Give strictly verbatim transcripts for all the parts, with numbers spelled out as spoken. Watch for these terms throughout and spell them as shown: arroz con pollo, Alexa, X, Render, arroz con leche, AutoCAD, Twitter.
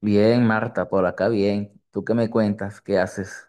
Bien, Marta, por acá bien. ¿Tú qué me cuentas? ¿Qué haces?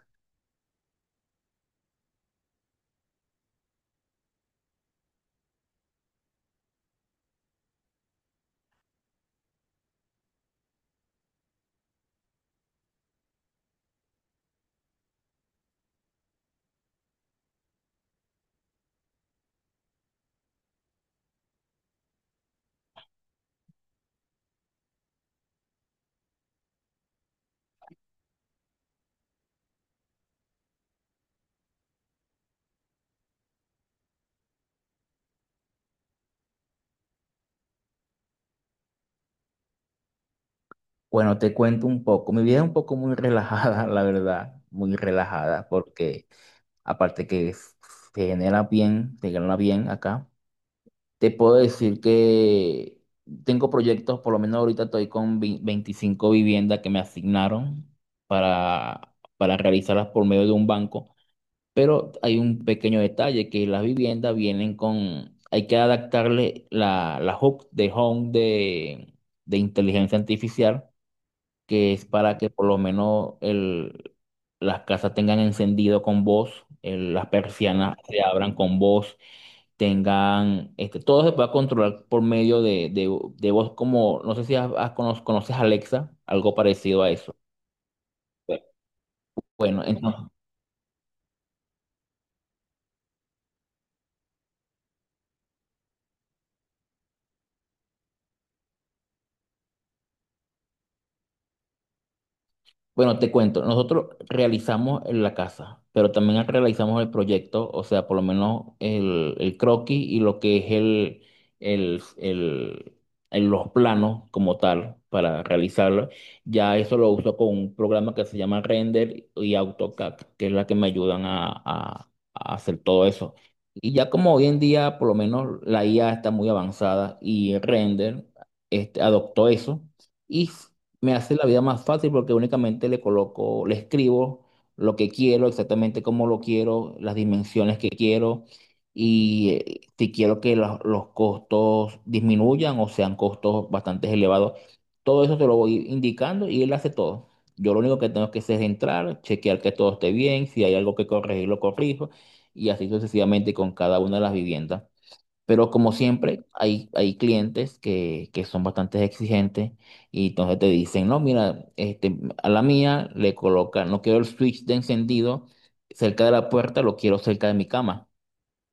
Bueno, te cuento un poco. Mi vida es un poco muy relajada, la verdad, muy relajada, porque aparte que f- se genera bien, se genera bien acá. Te puedo decir que tengo proyectos, por lo menos ahorita estoy con vi- veinticinco viviendas que me asignaron para, para realizarlas por medio de un banco. Pero hay un pequeño detalle, que las viviendas vienen con, hay que adaptarle la, la hook de Home de, de inteligencia artificial, que es para que por lo menos el, las casas tengan encendido con voz, el- las persianas se abran con voz, tengan, este, todo se puede controlar por medio de, de, de voz como, no sé si has- has cono- conoces Alexa, algo parecido a eso. Bueno, entonces. Bueno, te cuento, nosotros realizamos en la casa, pero también realizamos el proyecto, o sea, por lo menos el, el croquis y lo que es el, el, el- el- los planos como tal para realizarlo. Ya eso lo uso con un programa que se llama Render y AutoCAD, que es la que me ayudan a, a- a hacer todo eso. Y ya como hoy en día, por lo menos la I A está muy avanzada y Render este, adoptó eso. Y me hace la vida más fácil porque únicamente le coloco, le escribo lo que quiero, exactamente cómo lo quiero, las dimensiones que quiero y eh, si quiero que los, los costos disminuyan o sean costos bastante elevados. Todo eso te lo voy indicando y él hace todo. Yo lo único que tengo que hacer es entrar, chequear que todo esté bien, si hay algo que corregir, lo corrijo y así sucesivamente con cada una de las viviendas. Pero como siempre, hay, hay clientes que, que son bastante exigentes y entonces te dicen, no, mira, este, a la mía le coloca, no quiero el switch de encendido cerca de la puerta, lo quiero cerca de mi cama.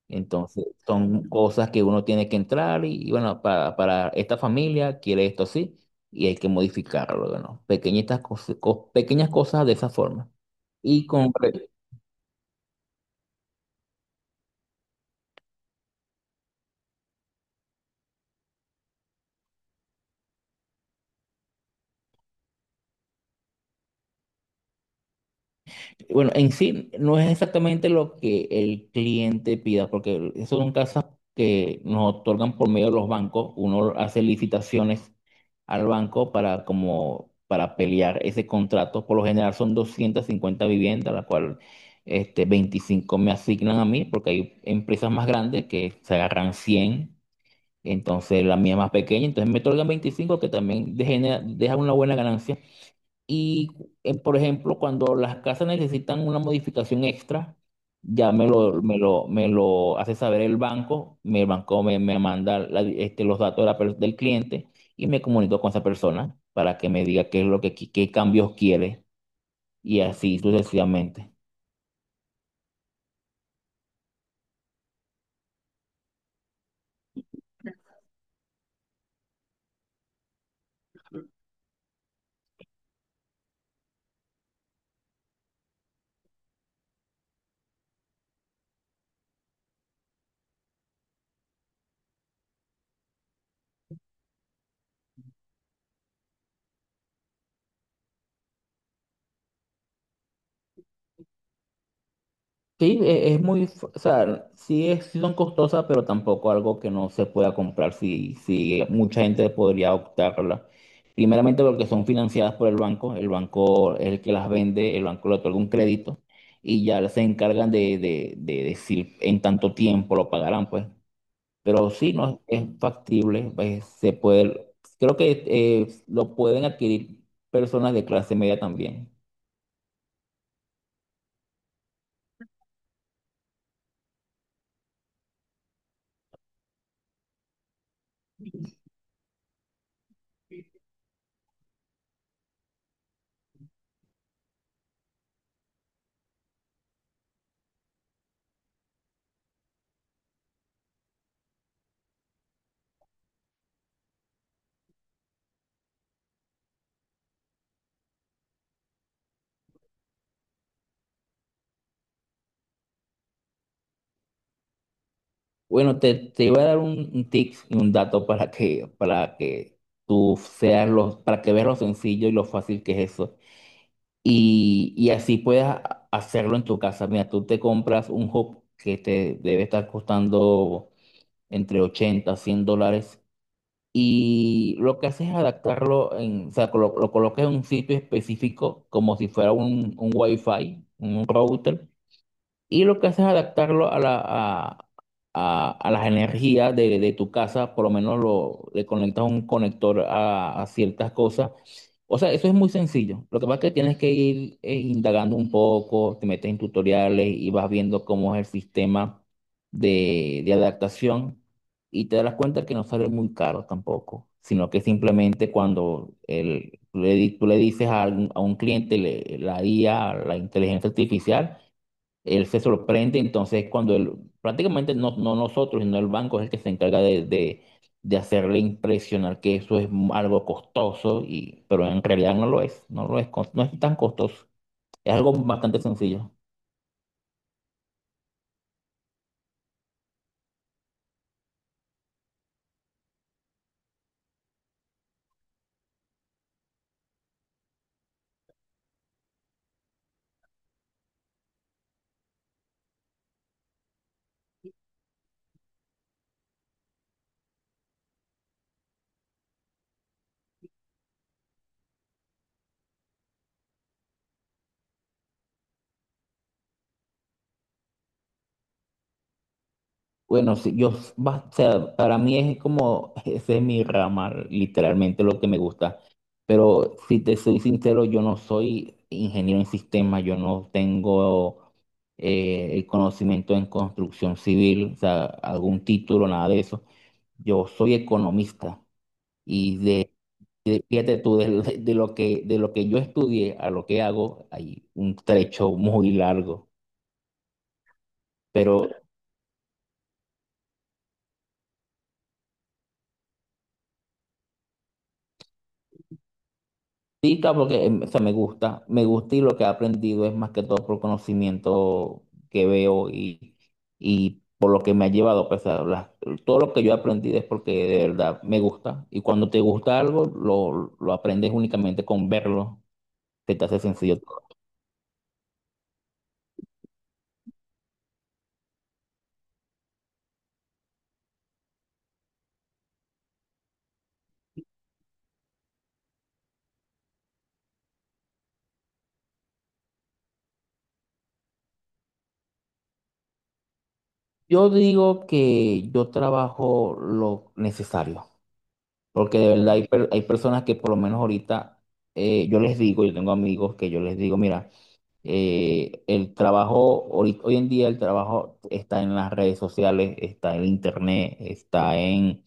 Entonces, son cosas que uno tiene que entrar y, y bueno, para, para esta familia quiere esto así y hay que modificarlo, ¿no? Pequeñitas cosas, pequeñas cosas de esa forma. Y con, re- Bueno, en sí no es exactamente lo que el cliente pida, porque eso son casas que nos otorgan por medio de los bancos. Uno hace licitaciones al banco para como para pelear ese contrato. Por lo general son doscientas cincuenta viviendas, la cual este veinticinco me asignan a mí, porque hay empresas más grandes que se agarran cien, entonces la mía es más pequeña, entonces me otorgan veinticinco que también deja deja una buena ganancia. Y, eh, por ejemplo, cuando las casas necesitan una modificación extra, ya me lo, me lo, me lo hace saber el banco, mi- el banco me, me manda la- este, los datos de la per- del cliente y me comunico con esa persona para que me diga qué es lo que, qui- qué cambios quiere y así sucesivamente. Sí, e- es muy, f- o sea, sí, es, sí son costosas, pero tampoco algo que no se pueda comprar, si si mucha gente podría optarla. Primeramente porque son financiadas por el banco, el banco es el que las vende, el banco le otorga un crédito y ya se encargan de, de, de decir en tanto tiempo lo pagarán, pues. Pero sí, no es factible, pues, se puede, creo que eh, lo pueden adquirir personas de clase media también. Bueno, te, te iba a dar un, un tip y un dato para que, para que tú seas lo, para que veas lo sencillo y lo fácil que es eso. Y, y así puedas hacerlo en tu casa. Mira, tú te compras un hub que te debe estar costando entre ochenta a cien dólares. Y lo que haces es adaptarlo, en, o sea, colo- lo, colocas en un sitio específico como si fuera un, un Wi-Fi, un router y lo que haces es adaptarlo a, la, a, a- a las energías de, de tu casa, por lo menos lo, le conectas un conector a, a ciertas cosas. O sea, eso es muy sencillo. Lo que pasa es que tienes que ir eh, indagando un poco, te metes en tutoriales y vas viendo cómo es el sistema de, de adaptación y te das cuenta que no sale muy caro tampoco, sino que simplemente cuando el, le di- tú le dices a, algún- a un cliente, le- la I A, la inteligencia artificial, él se sorprende, entonces cuando él, prácticamente no, no nosotros, sino el banco es el que se encarga de, de, de hacerle impresionar que eso es algo costoso, y, pero en realidad no lo es, no lo es, cos- no es tan costoso, es algo bastante sencillo. Bueno, sí, yo, va- o sea, para mí es como, ese es mi rama, literalmente lo que me gusta. Pero si te soy sincero, yo no soy ingeniero en sistemas, yo no tengo eh, el conocimiento en construcción civil, o sea, algún título, nada de eso. Yo soy economista y de, de- fíjate tú, de, de lo que, de lo que yo estudié a lo que hago, hay un trecho muy largo. Pero Sí, claro, porque em, o sea, me gusta, me gusta y lo que he aprendido es más que todo por conocimiento que veo y, y por lo que me ha llevado, pues, a las- todo lo que yo he aprendido es porque de verdad me gusta y cuando te gusta algo lo, lo aprendes únicamente con verlo, se te hace sencillo todo. Yo digo que yo trabajo lo necesario, porque de verdad hay, per- hay personas que por lo menos ahorita eh, yo les digo, yo tengo amigos que yo les digo, mira, Eh, el trabajo, hoy, hoy en día el trabajo está en las redes sociales, está en internet, está en.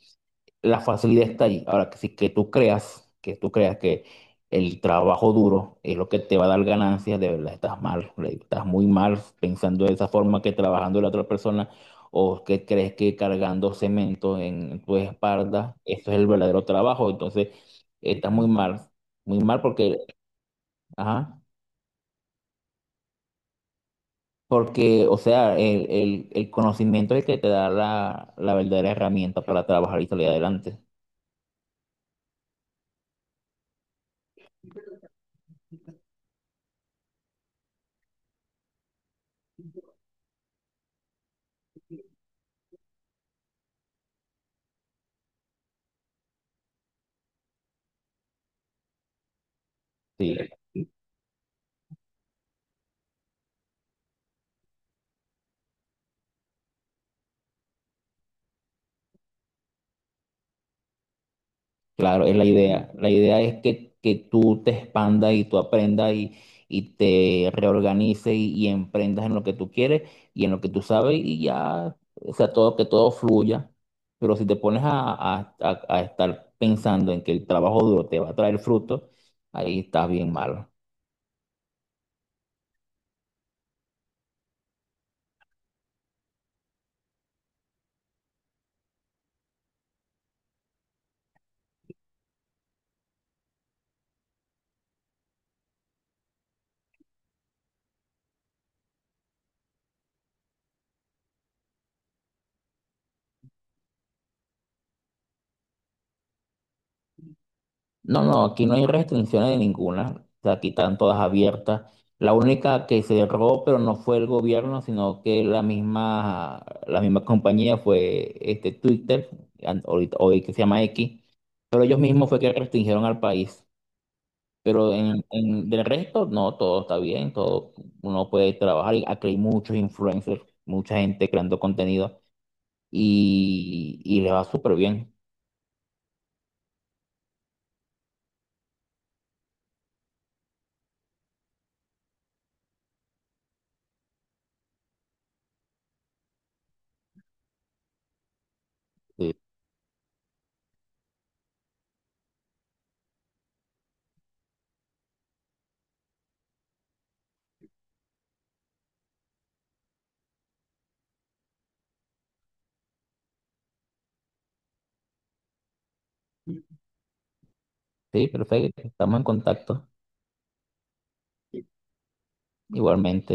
La facilidad está allí. Ahora, que si que tú creas, que tú creas que el trabajo duro es lo que te va a dar ganancias, de verdad estás mal, le- estás muy mal pensando de esa forma que trabajando la otra persona o que crees que cargando cemento en tu espalda, eso es el verdadero trabajo. Entonces, estás muy mal, muy mal porque. Ajá. Porque, o sea, el, el- el conocimiento es el que te da la, la verdadera herramienta para trabajar y salir adelante. Sí, claro, es la idea. La idea es que, que tú te expandas y tú aprendas y, y te reorganices y, y emprendas en lo que tú quieres y en lo que tú sabes y ya, o sea, todo, que todo fluya. Pero si te pones a, a- a- a estar pensando en que el trabajo duro te va a traer fruto, ahí estás bien mal. No, no, aquí no hay restricciones de ninguna. O sea, Aquí están todas abiertas. La única que cerró, pero no fue el gobierno, sino que la misma, la misma compañía fue este Twitter, an- ahorita- hoy que se llama X, pero ellos mismos fue que restringieron al país. Pero en, en- del resto, no, todo está bien, todo uno puede trabajar. Y Aquí hay muchos influencers, mucha gente creando contenido y, y le va súper bien. Sí, sí, perfecto, estamos en contacto igualmente.